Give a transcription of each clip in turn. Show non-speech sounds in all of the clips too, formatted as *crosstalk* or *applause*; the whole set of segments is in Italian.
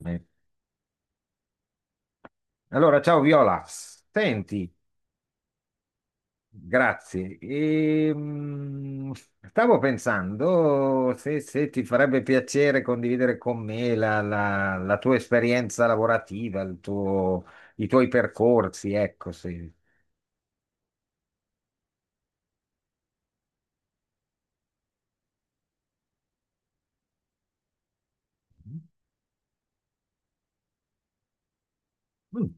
Beh. Allora, ciao Viola, senti, grazie. Stavo pensando se ti farebbe piacere condividere con me la tua esperienza lavorativa, i tuoi percorsi, ecco, se. Mm.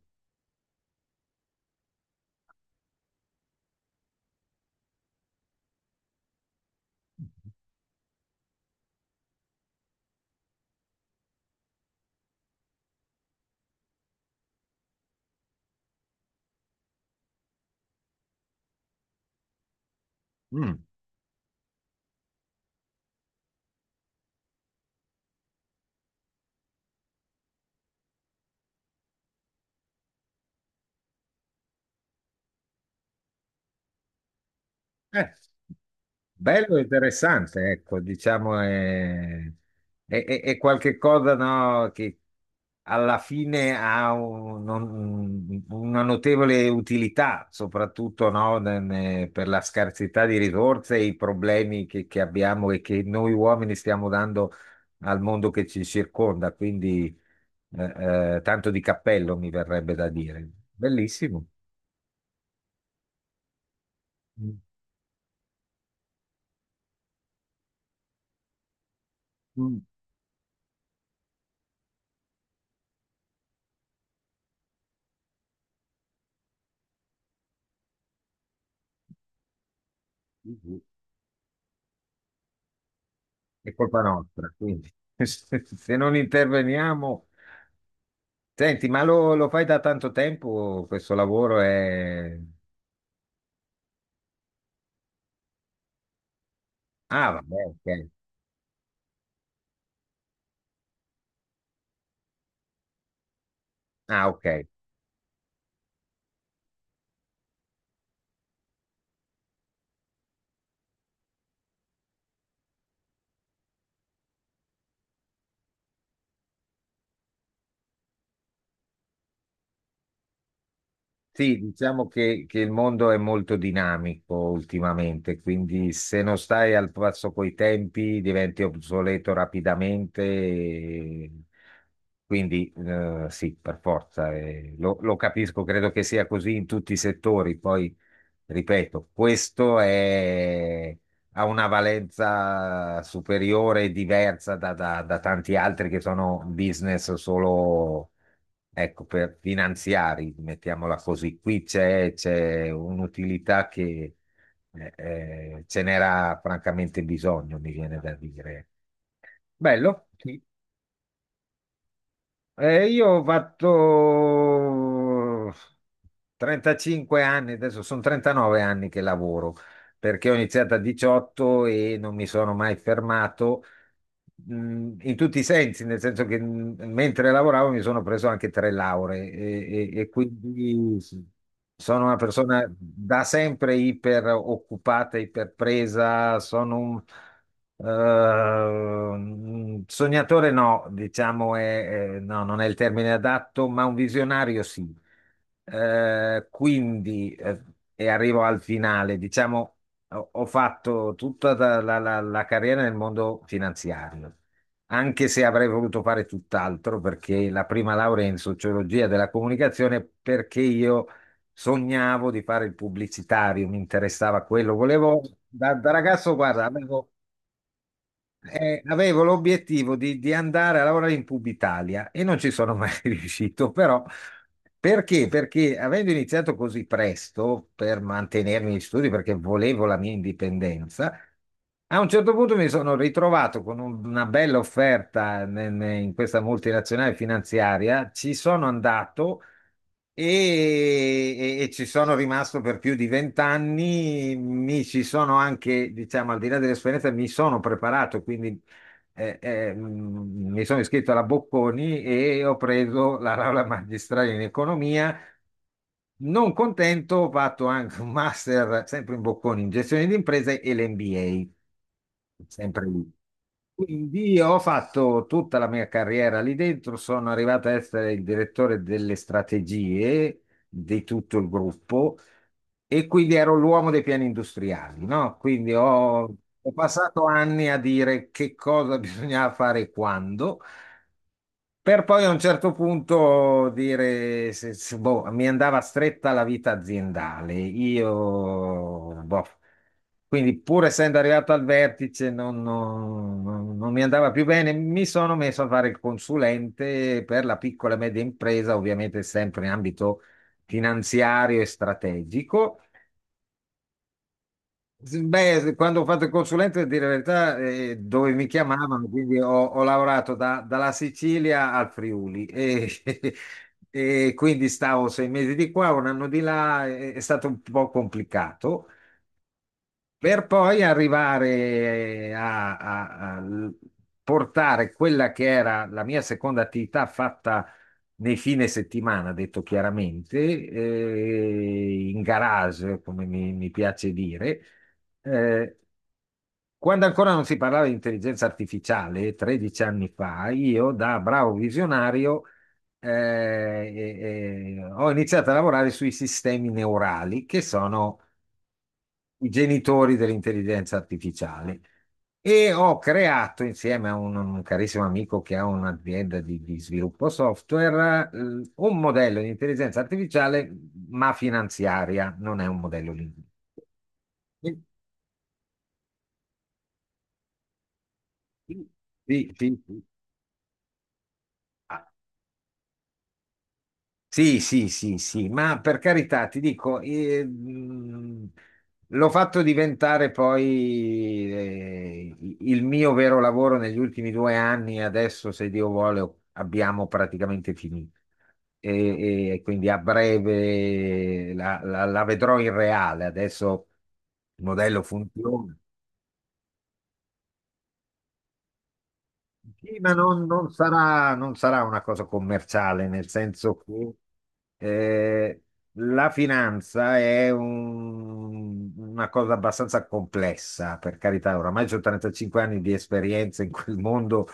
Mm. Eh, bello e interessante, ecco, diciamo è qualche cosa, no, che alla fine ha una notevole utilità, soprattutto, no, per la scarsità di risorse e i problemi che abbiamo e che noi uomini stiamo dando al mondo che ci circonda. Quindi tanto di cappello mi verrebbe da dire. Bellissimo. Mm. Mm. È colpa nostra, quindi *laughs* se non interveniamo. Senti, ma lo fai da tanto tempo questo lavoro? Ah, vabbè, ok. Ah, ok. Sì, diciamo che il mondo è molto dinamico ultimamente, quindi se non stai al passo coi tempi diventi obsoleto rapidamente. Quindi sì, per forza, lo capisco, credo che sia così in tutti i settori. Poi, ripeto, ha una valenza superiore e diversa da da tanti altri che sono business solo, ecco, per finanziari, mettiamola così, qui c'è un'utilità che ce n'era francamente bisogno, mi viene da dire. Bello. Sì. Io ho fatto 35 anni, adesso sono 39 anni che lavoro, perché ho iniziato a 18 e non mi sono mai fermato, in tutti i sensi, nel senso che, mentre lavoravo mi sono preso anche tre lauree e quindi sono una persona da sempre iper occupata, iper presa, sono un sognatore, no, diciamo, no, non è il termine adatto, ma un visionario, sì. Eh, quindi, eh, e arrivo al finale, diciamo, ho fatto tutta la carriera nel mondo finanziario, anche se avrei voluto fare tutt'altro, perché la prima laurea è in sociologia della comunicazione, perché io sognavo di fare il pubblicitario, mi interessava quello, volevo, da ragazzo, guarda, avevo l'obiettivo di andare a lavorare in Pubitalia e non ci sono mai *laughs* riuscito, però perché? Perché avendo iniziato così presto per mantenermi in studio, perché volevo la mia indipendenza, a un certo punto mi sono ritrovato con una bella offerta in questa multinazionale finanziaria, ci sono andato e, e ci sono rimasto per più di 20 anni, mi ci sono anche, diciamo, al di là dell'esperienza, mi sono preparato, quindi mi sono iscritto alla Bocconi e ho preso la laurea magistrale in economia. Non contento, ho fatto anche un master, sempre in Bocconi, in gestione di imprese e l'MBA, sempre lì. Quindi ho fatto tutta la mia carriera lì dentro, sono arrivato a essere il direttore delle strategie di tutto il gruppo e quindi ero l'uomo dei piani industriali, no? Quindi ho passato anni a dire che cosa *laughs* bisognava fare e quando, per poi a un certo punto dire, boh, mi andava stretta la vita aziendale. Io, boh, quindi pur essendo arrivato al vertice, non mi andava più bene. Mi sono messo a fare il consulente per la piccola e media impresa, ovviamente sempre in ambito finanziario e strategico. Beh, quando ho fatto il consulente, a dire la verità, dove mi chiamavano, quindi ho lavorato dalla Sicilia al Friuli, e, *laughs* e quindi stavo 6 mesi di qua, un anno di là, è stato un po' complicato, per poi arrivare, eh, a, a- a l- portare quella che era la mia seconda attività fatta nei fine settimana, detto chiaramente, in garage, come mi piace dire, eh, quando ancora non si parlava di intelligenza artificiale, 13 anni fa, io da bravo visionario ho iniziato a lavorare sui sistemi neurali, che sono i genitori dell'intelligenza artificiale. E ho creato insieme a un carissimo amico che ha un'azienda di sviluppo software, un modello di intelligenza artificiale, ma finanziaria, non è un modello linguistico. Sì, sì, sì. Sì, sì. Ah, sì, sì, sì, sì, ma per carità, ti dico, l'ho fatto diventare poi, il mio vero lavoro negli ultimi 2 anni, adesso se Dio vuole abbiamo praticamente finito e quindi a breve la vedrò in reale, adesso il modello funziona. Sì, ma non sarà una cosa commerciale, nel senso che eh, la finanza è una cosa abbastanza complessa, per carità, oramai ho 35 anni di esperienza in quel mondo.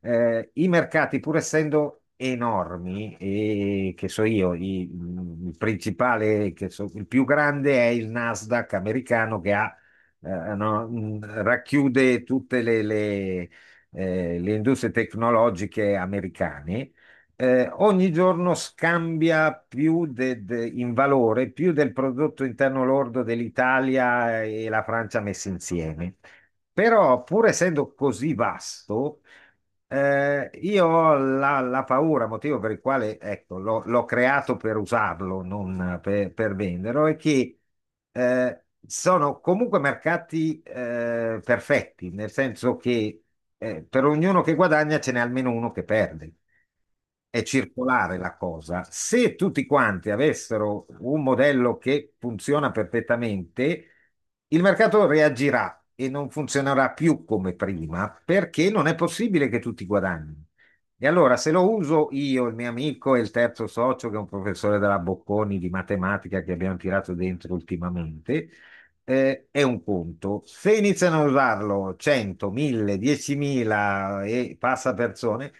I mercati, pur essendo enormi, e che so io, il principale, il più grande è il Nasdaq americano che ha no, racchiude tutte le industrie tecnologiche americane, ogni giorno scambia più in valore più del prodotto interno lordo dell'Italia e la Francia messi insieme. Però, pur essendo così vasto, io ho la paura, motivo per il quale, ecco, l'ho creato per usarlo, non per venderlo, è che sono comunque mercati, perfetti, nel senso che per ognuno che guadagna ce n'è almeno uno che perde. È circolare la cosa. Se tutti quanti avessero un modello che funziona perfettamente, il mercato reagirà e non funzionerà più come prima perché non è possibile che tutti guadagnino. E allora, se lo uso io, il mio amico e il terzo socio, che è un professore della Bocconi di matematica che abbiamo tirato dentro ultimamente, è un conto. Se iniziano a usarlo 100, 1000, 10.000 e passa persone,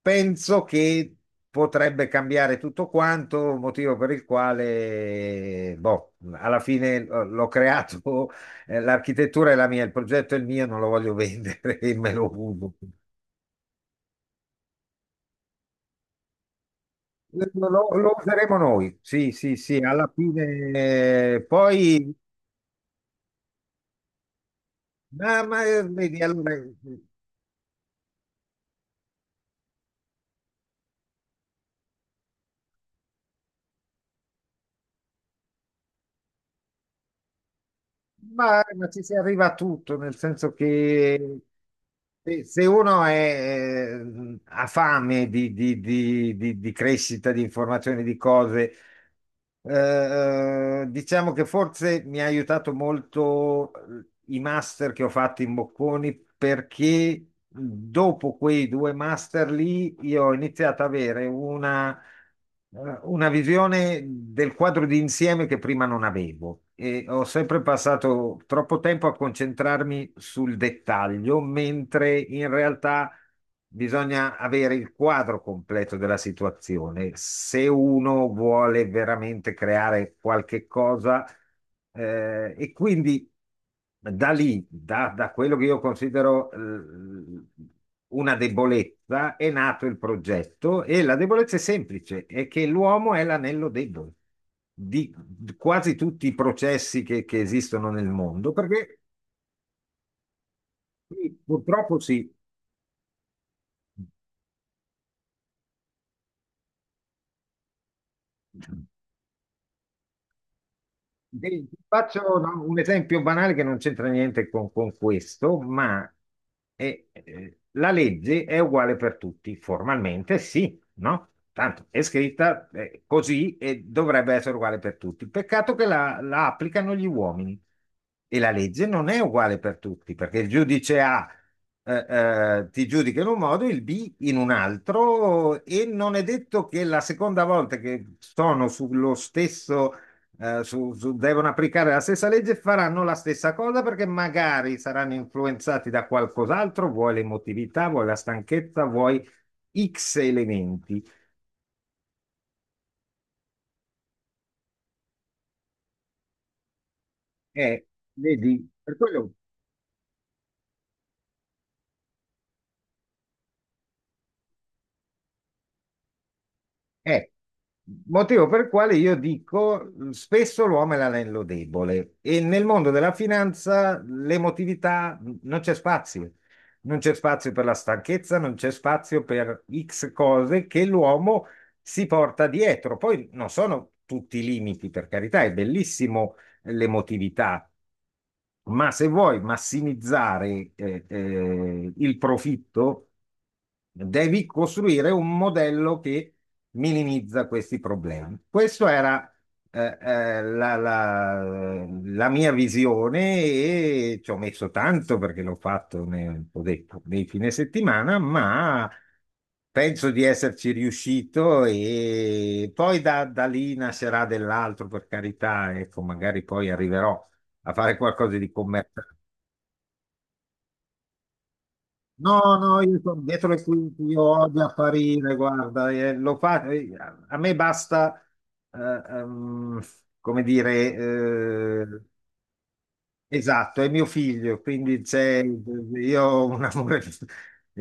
penso che potrebbe cambiare tutto quanto, motivo per il quale, boh, alla fine l'ho creato, l'architettura è la mia, il progetto è il mio, non lo voglio vendere *laughs* e me lo uso. Lo useremo noi, sì, sì, sì, alla fine. Vedi, allora, ma ci si arriva a tutto, nel senso che se uno è, ha fame di crescita, di informazioni, di cose, eh, diciamo che forse mi ha aiutato molto, i master che ho fatto in Bocconi perché dopo quei due master lì io ho iniziato ad avere, una visione del quadro di insieme che prima non avevo e ho sempre passato troppo tempo a concentrarmi sul dettaglio, mentre in realtà bisogna avere il quadro completo della situazione. Se uno vuole veramente creare qualche cosa, e quindi da lì, da quello che io considero, una debolezza, è nato il progetto e la debolezza è semplice, è che l'uomo è l'anello debole di quasi tutti i processi che esistono nel mondo, perché sì, purtroppo sì. Ti faccio, no, un esempio banale che non c'entra niente con, questo, ma la legge è uguale per tutti, formalmente sì, no? Tanto è scritta, così e dovrebbe essere uguale per tutti. Peccato che la applicano gli uomini e la legge non è uguale per tutti, perché il giudice A eh, ti giudica in un modo, il B in un altro e non è detto che la seconda volta che sono sullo stesso, devono applicare la stessa legge, faranno la stessa cosa perché magari saranno influenzati da qualcos'altro, vuoi l'emotività, vuoi la stanchezza, vuoi X elementi. Eh, vedi, per quello Eh, motivo per il quale io dico, spesso l'uomo è l'anello debole e nel mondo della finanza l'emotività, non c'è spazio. Non c'è spazio per la stanchezza, non c'è spazio per X cose che l'uomo si porta dietro. Poi non sono tutti i limiti, per carità, è bellissimo, l'emotività, ma se vuoi massimizzare, il profitto devi costruire un modello che minimizza questi problemi. Questa era, eh, eh, la, la- la mia visione e ci ho messo tanto perché l'ho fatto, ho detto, nei fine settimana, ma penso di esserci riuscito e poi da, da, lì nascerà dell'altro, per carità, ecco, magari poi arriverò a fare qualcosa di commerciale. No, no, io sono dietro le quinte, io odio apparire, guarda, lo fa, a me basta, eh, ehm, come dire, esatto, è mio figlio, quindi io ho un amore, *laughs*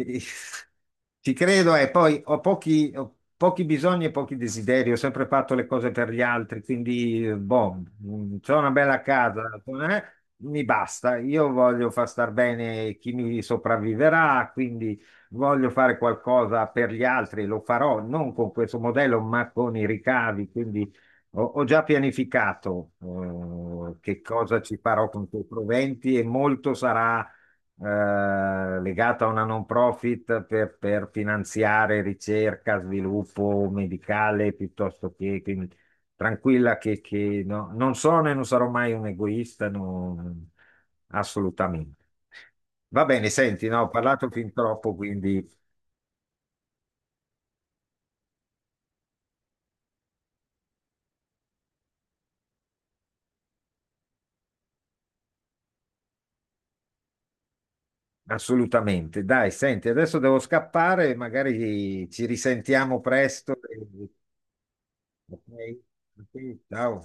ci credo e poi ho pochi bisogni e pochi desideri, ho sempre fatto le cose per gli altri, quindi boh, c'ho una bella casa, eh, mi basta, io voglio far star bene chi mi sopravviverà, quindi voglio fare qualcosa per gli altri, lo farò non con questo modello ma con i ricavi, quindi ho già pianificato, che cosa ci farò con quei proventi e molto sarà, legato a una non profit per, finanziare ricerca, sviluppo medicale piuttosto che quindi tranquilla che non sono e non sarò mai un egoista, no, assolutamente. Va bene, senti, no, ho parlato fin troppo, quindi. Assolutamente. Dai, senti, adesso devo scappare, magari ci risentiamo presto. Ok? Ok, ciao.